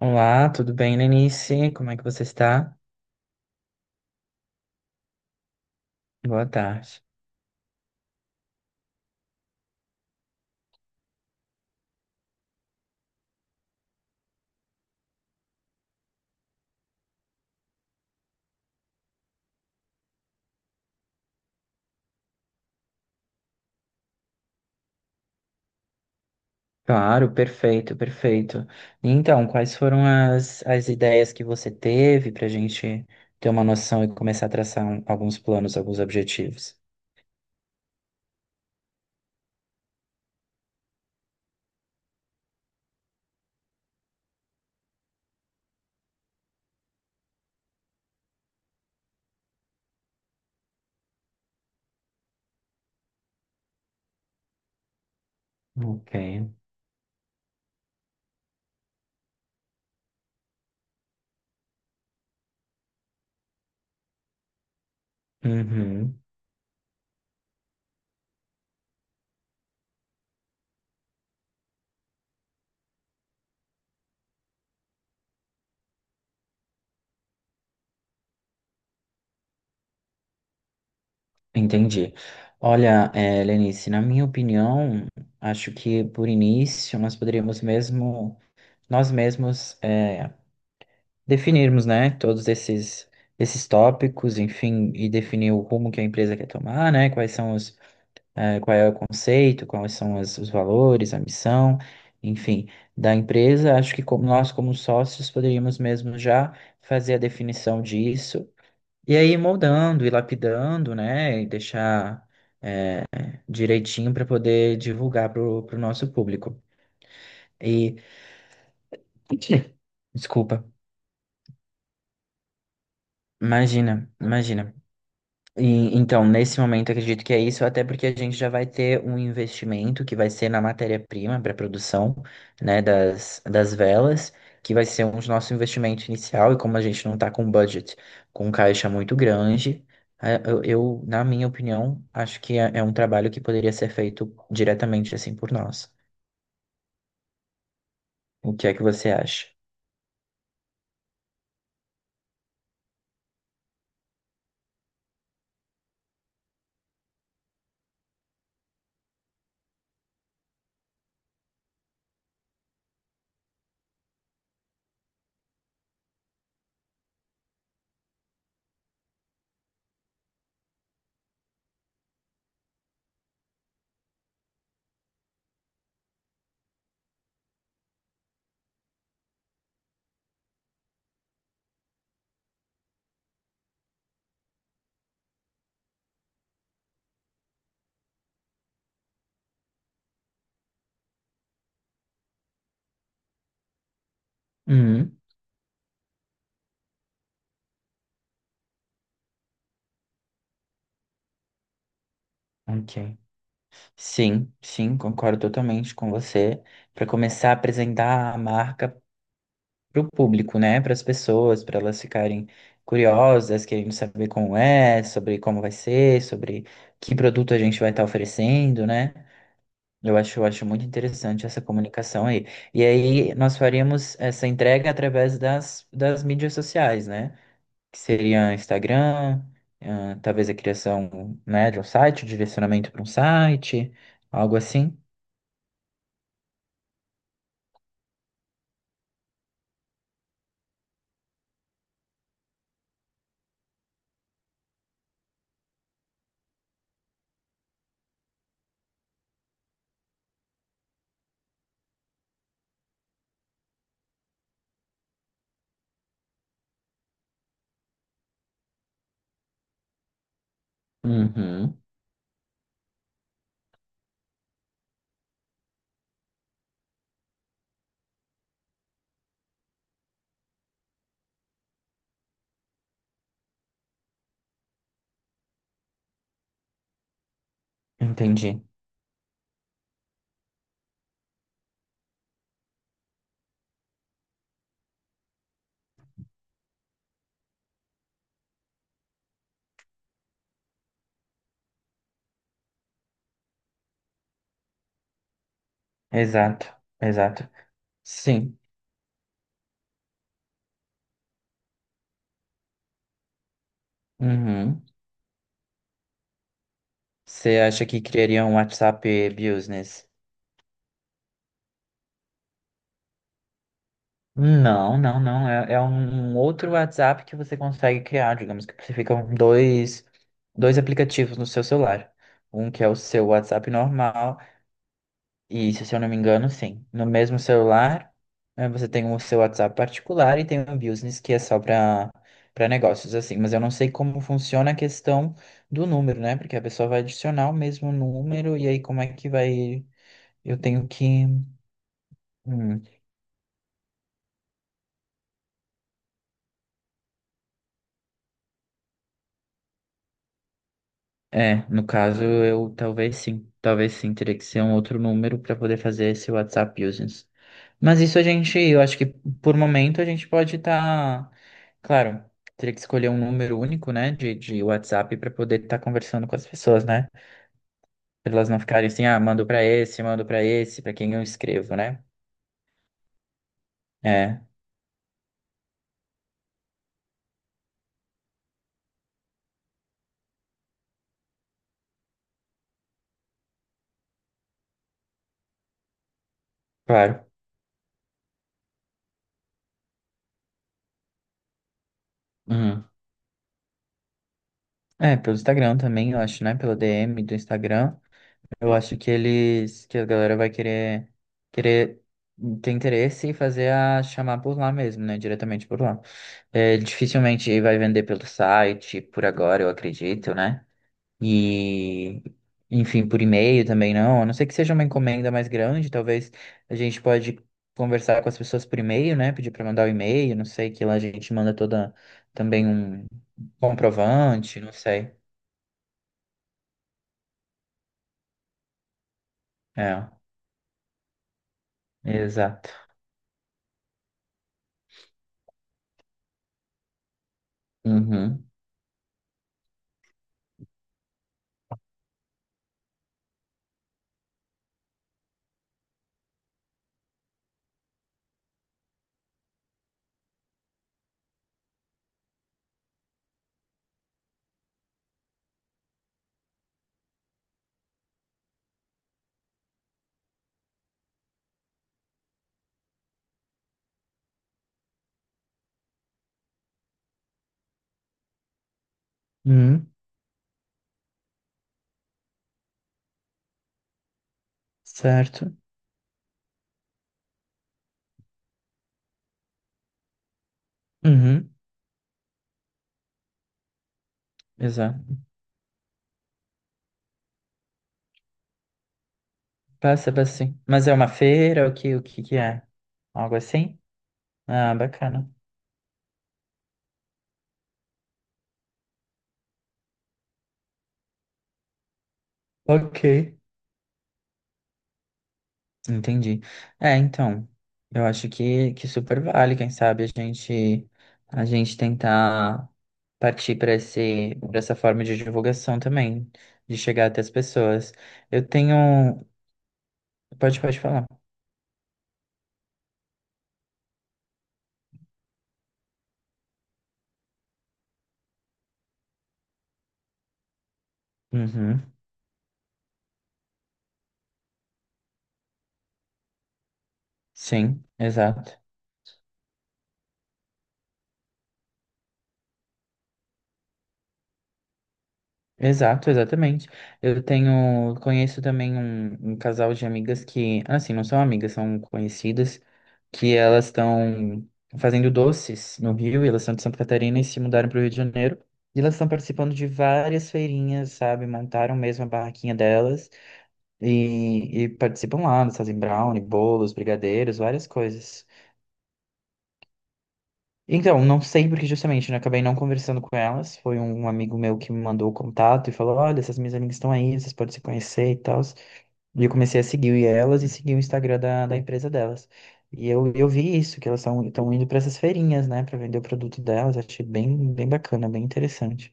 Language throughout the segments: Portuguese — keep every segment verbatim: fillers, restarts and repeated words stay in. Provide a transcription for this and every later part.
Olá, tudo bem, Lenice? Como é que você está? Boa tarde. Claro, perfeito, perfeito. Então, quais foram as, as ideias que você teve para a gente ter uma noção e começar a traçar um- alguns planos, alguns objetivos? Ok. Uhum, entendi. Olha, eh, Lenice, na minha opinião, acho que por início nós poderíamos mesmo, nós mesmos eh, definirmos, né, todos esses, esses tópicos, enfim, e definir o rumo que a empresa quer tomar, né, quais são os, eh, qual é o conceito, quais são as- os valores, a missão, enfim, da empresa. Acho que como nós, como sócios, poderíamos mesmo já fazer a definição disso. E aí, moldando e lapidando, né, e deixar direitinho para poder divulgar para o nosso público. E, desculpa, imagina, imagina. E, então, nesse momento, acredito que é isso, até porque a gente já vai ter um investimento que vai ser na matéria-prima para a produção, né, das, das velas, que vai ser um dos nosso investimento inicial, e como a gente não está com budget, com caixa muito grande, eh, eu, eu, na minha opinião, acho que é, é um trabalho que poderia ser feito diretamente assim por nós. O que é que você acha? Uhum, ok. Sim, sim, concordo totalmente com você. Para começar a apresentar a marca para o público, né? Para as pessoas, para elas ficarem curiosas, querendo saber como é, sobre como vai ser, sobre que produto a gente vai estar oferecendo, né? Eu acho, eu acho muito interessante essa comunicação aí. E aí nós faríamos essa entrega através das, das mídias sociais, né? Que seria Instagram, ah, talvez a criação, né, de um site, o direcionamento para um site, algo assim. Uhum, entendi. Exato, exato. Sim. Uhum. Você acha que criaria um WhatsApp Business? Não, não, não. É, é um um outro WhatsApp que você consegue criar. Digamos que ficam dois, dois aplicativos no seu celular. Um que é o seu WhatsApp normal, e se eu não me engano, sim. No mesmo celular, eh, você tem o seu WhatsApp particular e tem o Business, que é só para para negócios, assim. Mas eu não sei como funciona a questão do número, né? Porque a pessoa vai adicionar o mesmo número, e aí como é que vai. Eu tenho que. Hum, É, no caso, eu talvez sim, talvez sim, teria que ser um outro número para poder fazer esse WhatsApp Business. Mas isso a gente, eu acho que por momento a gente pode estar, claro, teria que escolher um número único, né, de, de WhatsApp para poder estar conversando com as pessoas, né? Para elas não ficarem assim, ah, mando para esse, mando para esse, para quem eu escrevo, né? É, claro. Uhum. É, pelo Instagram também, eu acho, né? Pelo D M do Instagram. Eu acho que eles, que a galera vai querer, querer ter interesse e fazer a chamar por lá mesmo, né? Diretamente por lá. É, dificilmente vai vender pelo site, por agora, eu acredito, né? E, enfim, por e-mail também não. A não ser que seja uma encomenda mais grande, talvez a gente pode conversar com as pessoas por e-mail, né? Pedir para mandar o e-mail, não sei, que lá a gente manda toda também um comprovante, não sei. É, exato. Uhum. Uhum. Certo. Uhum, exato. Passa, passa sim. Mas é uma feira, o que, o que que é? Algo assim? Ah, bacana. Ok. Entendi. É, então, eu acho que, que super vale, quem sabe a gente a gente tentar partir para esse para essa forma de divulgação também, de chegar até as pessoas. Eu tenho, pode pode falar. Uhum. Sim, exato. Exato, exatamente. Eu tenho, conheço também um, um casal de amigas que, assim, não são amigas, são conhecidas, que elas estão fazendo doces no Rio, e elas são de Santa Catarina e se mudaram para o Rio de Janeiro. E elas estão participando de várias feirinhas, sabe? Montaram mesmo a barraquinha delas e, e participam lá, elas fazem brownie, bolos, brigadeiros, várias coisas. Então, não sei porque justamente, né? Acabei não conversando com elas. Foi um um amigo meu que me mandou o contato e falou: Olha, essas minhas amigas estão aí, vocês podem se conhecer e tal. E eu comecei a seguir elas e seguir o Instagram da, da empresa delas. E eu, eu vi isso, que elas estão indo para essas feirinhas, né, para vender o produto delas. Achei bem, bem bacana, bem interessante.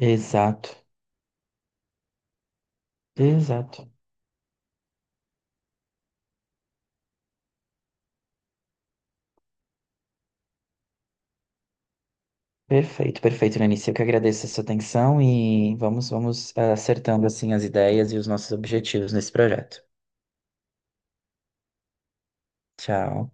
Exato, exato. Perfeito, perfeito, Lenice. Eu que agradeço a sua atenção e vamos, vamos eh, acertando assim as ideias e os nossos objetivos nesse projeto. Tchau.